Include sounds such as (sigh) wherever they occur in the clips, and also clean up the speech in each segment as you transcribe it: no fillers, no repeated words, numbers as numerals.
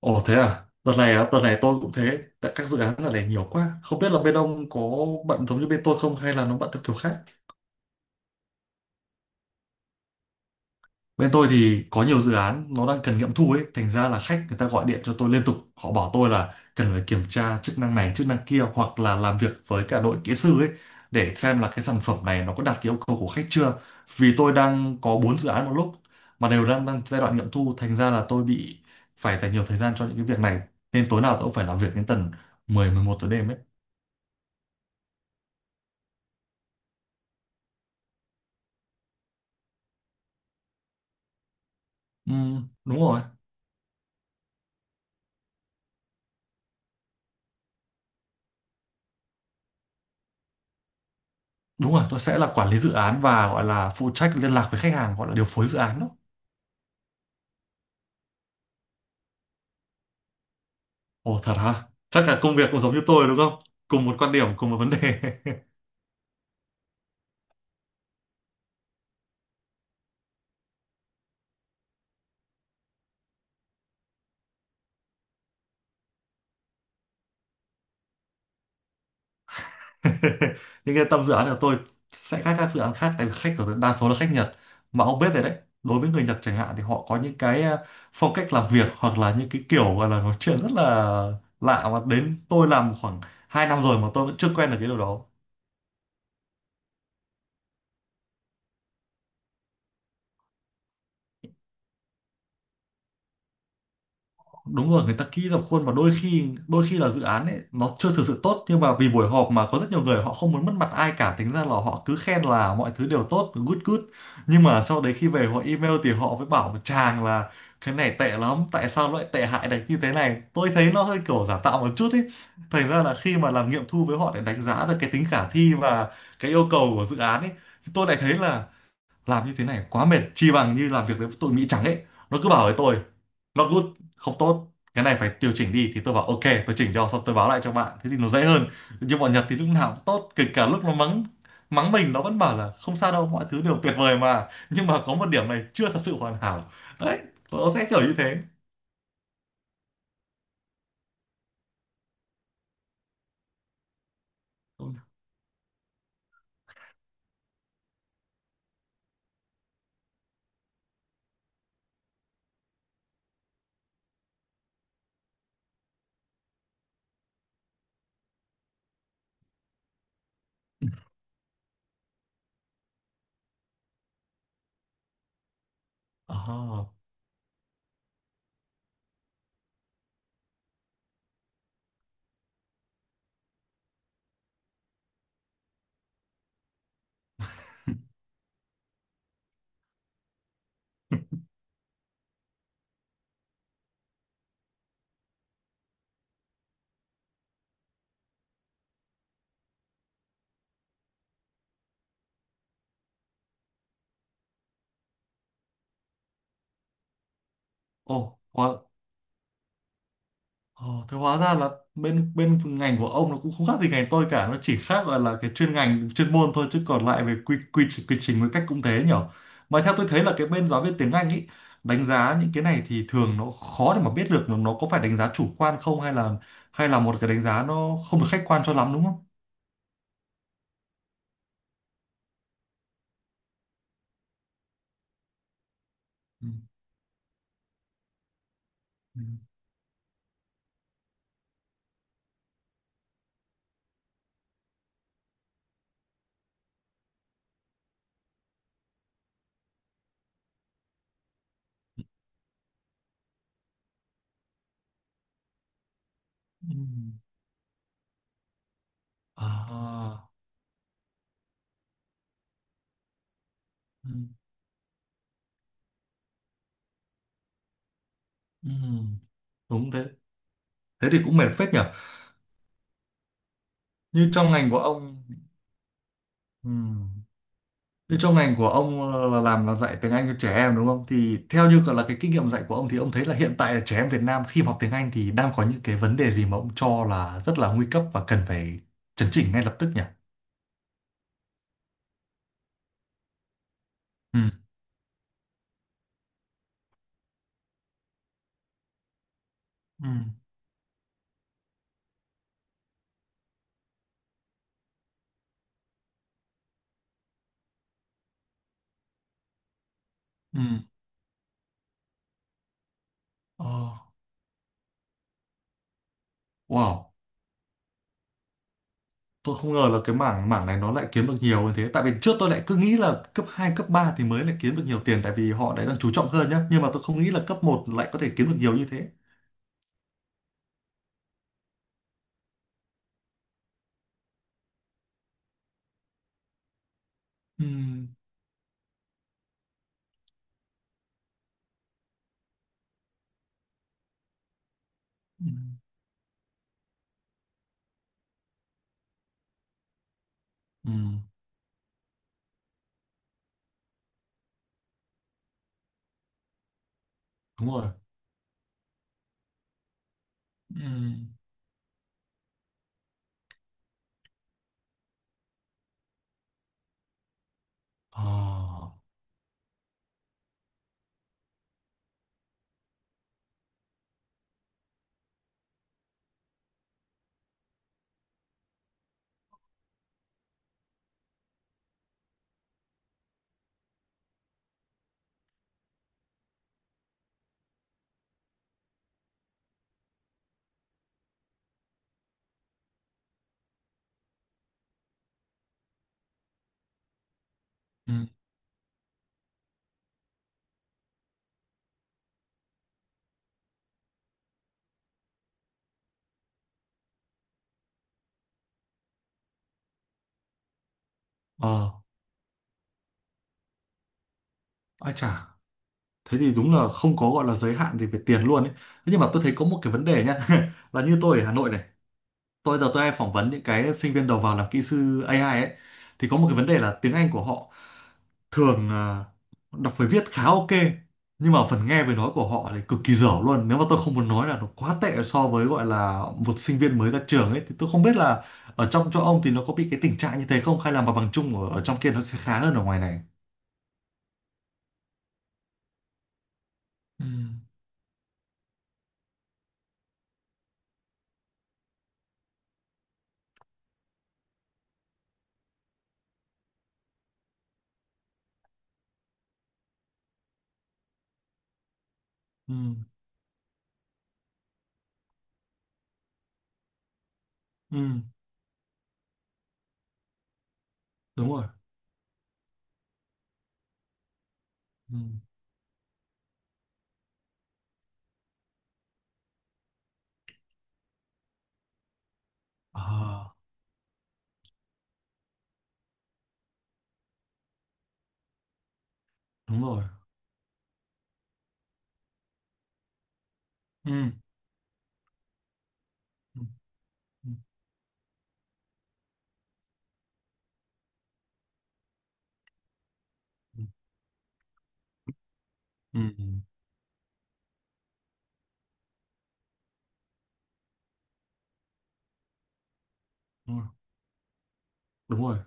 Ồ thế à? Đợt này á, đợt này tôi cũng thế. Tại các dự án đợt này nhiều quá. Không biết là bên ông có bận giống như bên tôi không hay là nó bận theo kiểu khác. Bên tôi thì có nhiều dự án nó đang cần nghiệm thu ấy. Thành ra là khách người ta gọi điện cho tôi liên tục. Họ bảo tôi là cần phải kiểm tra chức năng này, chức năng kia hoặc là làm việc với cả đội kỹ sư ấy để xem là cái sản phẩm này nó có đạt cái yêu cầu của khách chưa. Vì tôi đang có 4 dự án một lúc mà đều đang đang giai đoạn nghiệm thu. Thành ra là tôi bị phải dành nhiều thời gian cho những cái việc này. Nên tối nào tôi cũng phải làm việc đến tầm 10 11 giờ đêm ấy. Ừ, đúng rồi. Đúng rồi, tôi sẽ là quản lý dự án và gọi là phụ trách liên lạc với khách hàng, gọi là điều phối dự án đó. Ồ, thật hả? Chắc là công việc cũng giống như tôi đúng không? Cùng một quan điểm, cùng một vấn đề. (laughs) Nhưng cái tâm dự án của tôi sẽ khác các dự án khác, tại vì khách của tôi đa số là khách Nhật, mà ông biết rồi đấy. Đối với người Nhật chẳng hạn thì họ có những cái phong cách làm việc hoặc là những cái kiểu gọi là nói chuyện rất là lạ, mà đến tôi làm khoảng 2 năm rồi mà tôi vẫn chưa quen được cái điều đó. Đúng rồi, người ta kỹ dập khuôn, và đôi khi là dự án ấy nó chưa thực sự tốt, nhưng mà vì buổi họp mà có rất nhiều người họ không muốn mất mặt ai cả, tính ra là họ cứ khen là mọi thứ đều tốt, good good. Nhưng mà sau đấy khi về họ email thì họ mới bảo một chàng là cái này tệ lắm, tại sao lại tệ hại đánh như thế này. Tôi thấy nó hơi kiểu giả tạo một chút ấy. Thành ra là khi mà làm nghiệm thu với họ để đánh giá được cái tính khả thi và cái yêu cầu của dự án ấy, thì tôi lại thấy là làm như thế này quá mệt, chi bằng như làm việc với tụi Mỹ trắng ấy. Nó cứ bảo với tôi not good, không tốt, cái này phải điều chỉnh đi thì tôi bảo ok, tôi chỉnh cho xong tôi báo lại cho bạn, thế thì nó dễ hơn. Nhưng bọn Nhật thì lúc nào cũng tốt, kể cả lúc nó mắng mắng mình nó vẫn bảo là không sao đâu, mọi thứ đều tuyệt vời mà, nhưng mà có một điểm này chưa thật sự hoàn hảo đấy. Nó sẽ kiểu như thế. Ờ, ồ, oh, ồ, thế hóa ra là bên bên ngành của ông nó cũng không khác gì ngành tôi cả, nó chỉ khác là cái chuyên ngành chuyên môn thôi, chứ còn lại về quy quy trình với cách cũng thế nhở. Mà theo tôi thấy là cái bên giáo viên tiếng Anh ý, đánh giá những cái này thì thường nó khó để mà biết được nó có phải đánh giá chủ quan không, hay là một cái đánh giá nó không được khách quan cho lắm đúng không? Ừ. Ừ. Ừ. À. Ừ. Ừ. Đúng thế. Thế thì cũng mệt phết nhở. Như trong ngành của ông. Ừ. Thế trong ngành của ông, là làm là dạy tiếng Anh cho trẻ em đúng không? Thì theo như là cái kinh nghiệm dạy của ông thì ông thấy là hiện tại là trẻ em Việt Nam khi mà học tiếng Anh thì đang có những cái vấn đề gì mà ông cho là rất là nguy cấp và cần phải chấn chỉnh ngay lập tức nhỉ? Ừ. Ừ. Ừ. Ờ, wow, tôi không ngờ là cái mảng mảng này nó lại kiếm được nhiều như thế. Tại vì trước tôi lại cứ nghĩ là cấp 2 cấp 3 thì mới lại kiếm được nhiều tiền, tại vì họ lại đang chú trọng hơn nhá. Nhưng mà tôi không nghĩ là cấp một lại có thể kiếm được nhiều như thế. Ừ. Ừ. Ừ. Đúng rồi. Ừ. Ờ. Ừ. Ờ, ai chả. Thế thì đúng là không có gọi là giới hạn gì về tiền luôn ấy. Thế nhưng mà tôi thấy có một cái vấn đề nhá. (laughs) Là như tôi ở Hà Nội này. Tôi giờ tôi hay phỏng vấn những cái sinh viên đầu vào làm kỹ sư AI ấy. Thì có một cái vấn đề là tiếng Anh của họ thường, đọc với viết khá ok. Nhưng mà phần nghe với nói của họ thì cực kỳ dở luôn. Nếu mà tôi không muốn nói là nó quá tệ so với gọi là một sinh viên mới ra trường ấy. Thì tôi không biết là ở trong chỗ ông thì nó có bị cái tình trạng như thế không? Hay là mặt bằng chung ở trong kia nó sẽ khá hơn ở ngoài này? Ừ. Ừ. Ừ, đúng rồi. Ừ. À, đúng rồi. Ừ. Ừ. Ừ. Ừ. Ừ. Đúng rồi. Đúng rồi.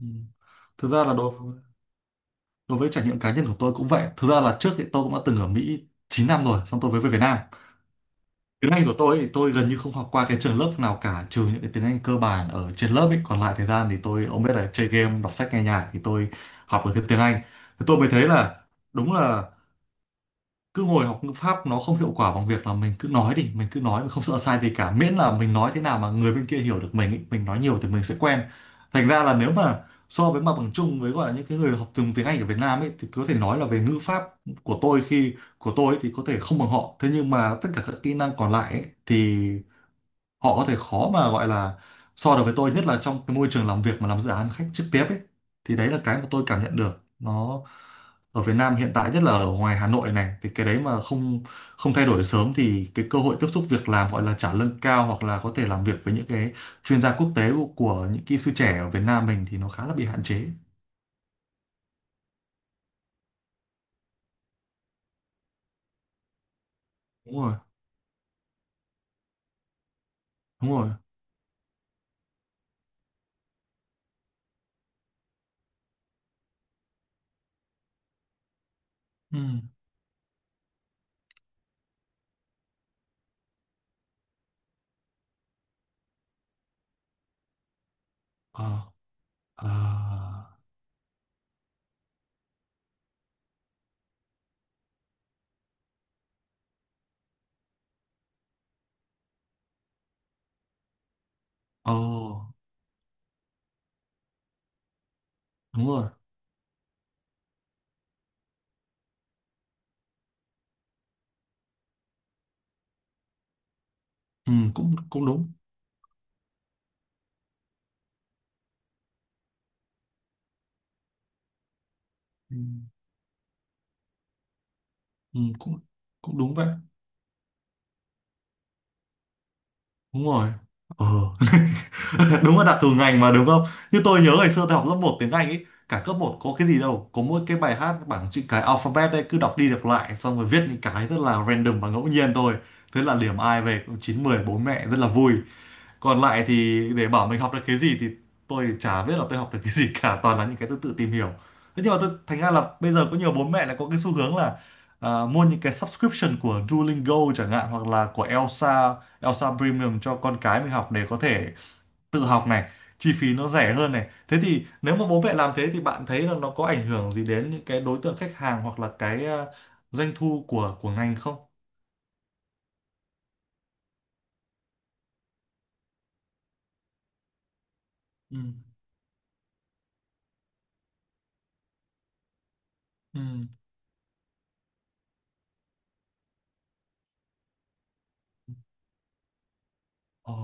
Ừ. Thực ra là đối đối với trải nghiệm cá nhân của tôi cũng vậy. Thực ra là trước thì tôi cũng đã từng ở Mỹ 9 năm rồi, xong tôi mới về Việt Nam. Tiếng Anh của tôi thì tôi gần như không học qua cái trường lớp nào cả, trừ những cái tiếng Anh cơ bản ở trên lớp ấy. Còn lại thời gian thì tôi, ông biết là chơi game, đọc sách, nghe nhạc thì tôi học được thêm tiếng Anh. Thì tôi mới thấy là đúng là cứ ngồi học ngữ pháp nó không hiệu quả bằng việc là mình cứ nói đi, mình cứ nói, mình không sợ sai gì cả, miễn là mình nói thế nào mà người bên kia hiểu được mình ý, mình nói nhiều thì mình sẽ quen. Thành ra là nếu mà so với mặt bằng chung với gọi là những cái người học từng tiếng Anh ở Việt Nam ấy, thì có thể nói là về ngữ pháp của tôi ấy, thì có thể không bằng họ, thế nhưng mà tất cả các kỹ năng còn lại ấy, thì họ có thể khó mà gọi là so được với tôi, nhất là trong cái môi trường làm việc mà làm dự án khách trực tiếp ấy. Thì đấy là cái mà tôi cảm nhận được nó ở Việt Nam hiện tại, nhất là ở ngoài Hà Nội này, thì cái đấy mà không không thay đổi sớm thì cái cơ hội tiếp xúc việc làm gọi là trả lương cao, hoặc là có thể làm việc với những cái chuyên gia quốc tế của những kỹ sư trẻ ở Việt Nam mình, thì nó khá là bị hạn chế. Đúng rồi. Đúng rồi. Ừ. Ờ. Ờ. Ờ, đúng rồi. Ừ, cũng cũng đúng. Ừ. Ừ, cũng cũng đúng vậy. Đúng rồi. Ờ. (laughs) Đúng là đặc thù ngành mà đúng không. Như tôi nhớ ngày xưa tôi học lớp một tiếng Anh ấy, cả cấp một có cái gì đâu, có mỗi cái bài hát bảng chữ cái alphabet đấy cứ đọc đi đọc lại, xong rồi viết những cái rất là random và ngẫu nhiên thôi. Thế là điểm ai về cũng chín mười, bố mẹ rất là vui. Còn lại thì để bảo mình học được cái gì thì tôi chả biết là tôi học được cái gì cả, toàn là những cái tôi tự tìm hiểu. Thế nhưng mà tôi, thành ra là bây giờ có nhiều bố mẹ lại có cái xu hướng là à, mua những cái subscription của Duolingo chẳng hạn, hoặc là của Elsa Elsa Premium cho con cái mình học để có thể tự học này, chi phí nó rẻ hơn này. Thế thì nếu mà bố mẹ làm thế thì bạn thấy là nó có ảnh hưởng gì đến những cái đối tượng khách hàng, hoặc là cái, à, doanh thu của ngành không? Ừ. Ừ. Ờ.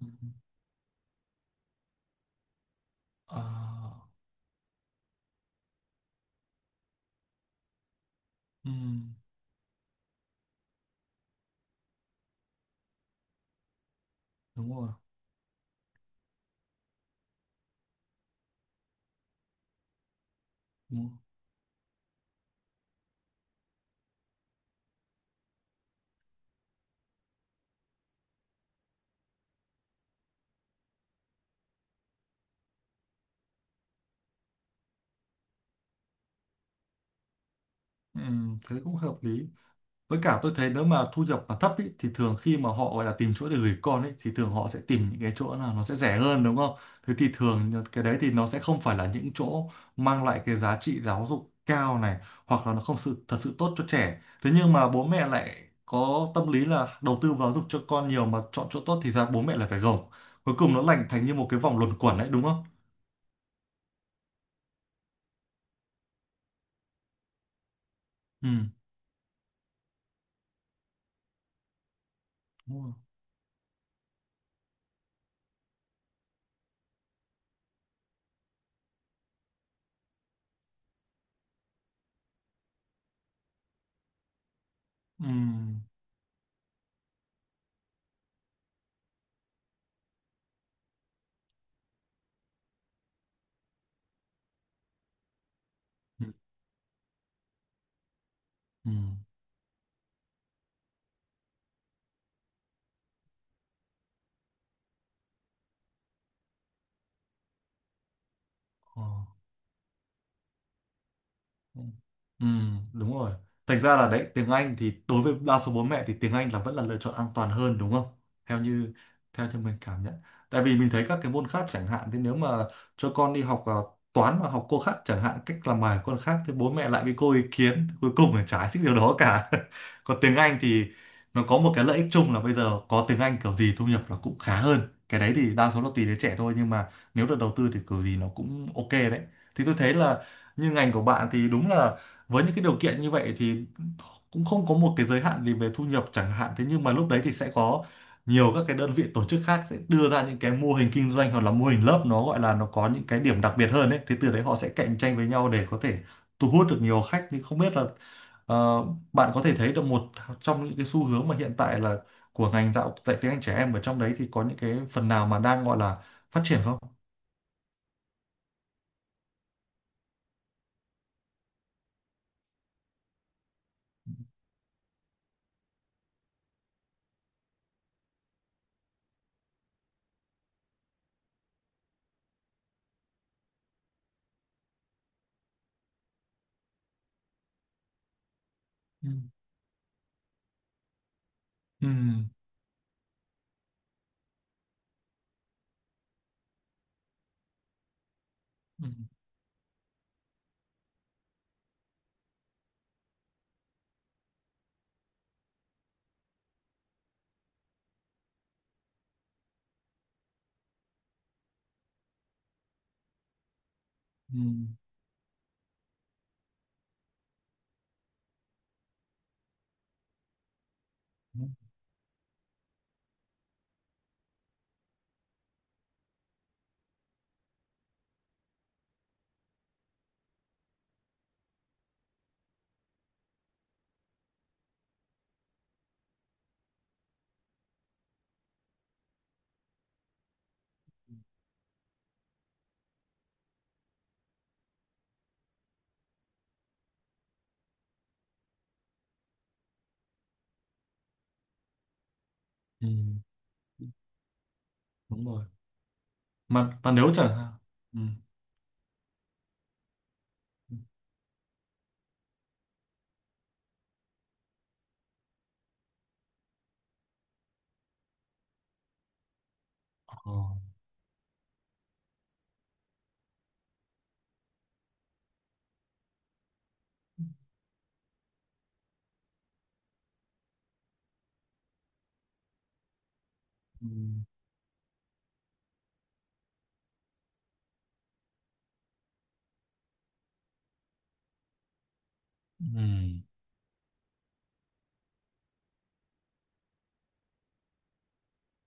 Ừ. Ờ. Ừ. Ừ, đúng rồi. Đúng rồi. Ừ, thế cũng hợp lý. Với cả tôi thấy nếu mà thu nhập mà thấp ý, thì thường khi mà họ gọi là tìm chỗ để gửi con ấy thì thường họ sẽ tìm những cái chỗ nào nó sẽ rẻ hơn, đúng không? Thế thì thường cái đấy thì nó sẽ không phải là những chỗ mang lại cái giá trị giáo dục cao này, hoặc là nó không sự thật sự tốt cho trẻ. Thế nhưng mà bố mẹ lại có tâm lý là đầu tư vào giáo dục cho con nhiều mà chọn chỗ tốt thì ra bố mẹ lại phải gồng. Cuối cùng nó thành như một cái vòng luẩn quẩn đấy, đúng không? Ừ, đúng rồi. Ừ. Ừ. Ừ. Ờ. Ừ. Ừ, đúng rồi. Thành ra là đấy, tiếng Anh thì đối với đa số bố mẹ thì tiếng Anh là vẫn là lựa chọn an toàn hơn, đúng không? Theo như theo như mình cảm nhận. Tại vì mình thấy các cái môn khác chẳng hạn thì nếu mà cho con đi học à, toán mà học cô khác chẳng hạn cách làm bài của con khác thì bố mẹ lại bị cô ý kiến, cuối cùng là chả thích điều đó cả. (laughs) Còn tiếng Anh thì nó có một cái lợi ích chung là bây giờ có tiếng Anh kiểu gì thu nhập là cũng khá hơn. Cái đấy thì đa số là tùy đứa trẻ thôi, nhưng mà nếu được đầu tư thì kiểu gì nó cũng ok đấy. Thì tôi thấy là như ngành của bạn thì đúng là với những cái điều kiện như vậy thì cũng không có một cái giới hạn gì về thu nhập chẳng hạn. Thế nhưng mà lúc đấy thì sẽ có nhiều các cái đơn vị tổ chức khác sẽ đưa ra những cái mô hình kinh doanh hoặc là mô hình lớp, nó gọi là nó có những cái điểm đặc biệt hơn ấy, thế từ đấy họ sẽ cạnh tranh với nhau để có thể thu hút được nhiều khách. Thì không biết là ờ, bạn có thể thấy được một trong những cái xu hướng mà hiện tại là của ngành dạy tiếng Anh trẻ em ở trong đấy thì có những cái phần nào mà đang gọi là phát triển không? Ừ. Ừ. Ừ. Ừ. Ừ. Đúng rồi. Mà nếu chẳng hạn ừ. Ờ. Ừ. Ừ.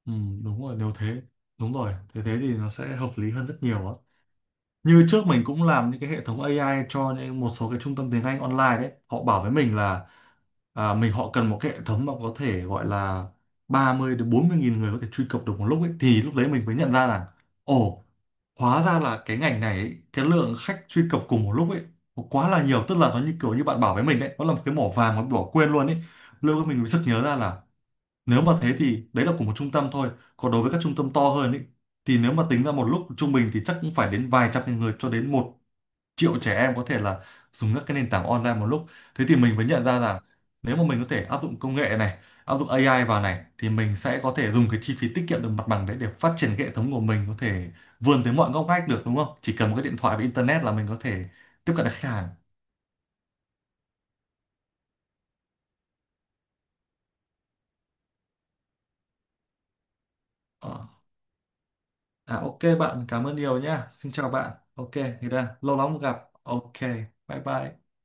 Ừ, đúng rồi. Nếu thế đúng rồi, thế thế thì nó sẽ hợp lý hơn rất nhiều á. Như trước mình cũng làm những cái hệ thống AI cho những một số cái trung tâm tiếng Anh online đấy, họ bảo với mình là à, họ cần một cái hệ thống mà có thể gọi là 30 đến 40 nghìn người có thể truy cập được một lúc ấy. Thì lúc đấy mình mới nhận ra là ồ, hóa ra là cái ngành này ấy, cái lượng khách truy cập cùng một lúc ấy nó quá là nhiều, tức là nó như kiểu như bạn bảo với mình đấy, nó là một cái mỏ vàng mà bỏ quên luôn ấy. Lúc đó mình mới sực nhớ ra là nếu mà thế thì đấy là của một trung tâm thôi, còn đối với các trung tâm to hơn ý, thì nếu mà tính ra một lúc trung bình thì chắc cũng phải đến vài trăm nghìn người cho đến 1 triệu trẻ em có thể là dùng các cái nền tảng online một lúc. Thế thì mình mới nhận ra là nếu mà mình có thể áp dụng công nghệ này, áp dụng AI vào này thì mình sẽ có thể dùng cái chi phí tiết kiệm được mặt bằng đấy để phát triển cái hệ thống của mình, có thể vươn tới mọi ngóc ngách được, đúng không? Chỉ cần một cái điện thoại và internet là mình có thể tiếp cận được khách hàng. Ờ. À, ok bạn, cảm ơn nhiều nhá. Xin chào bạn. Ok, thì ra lâu lắm không gặp. Ok, bye bye.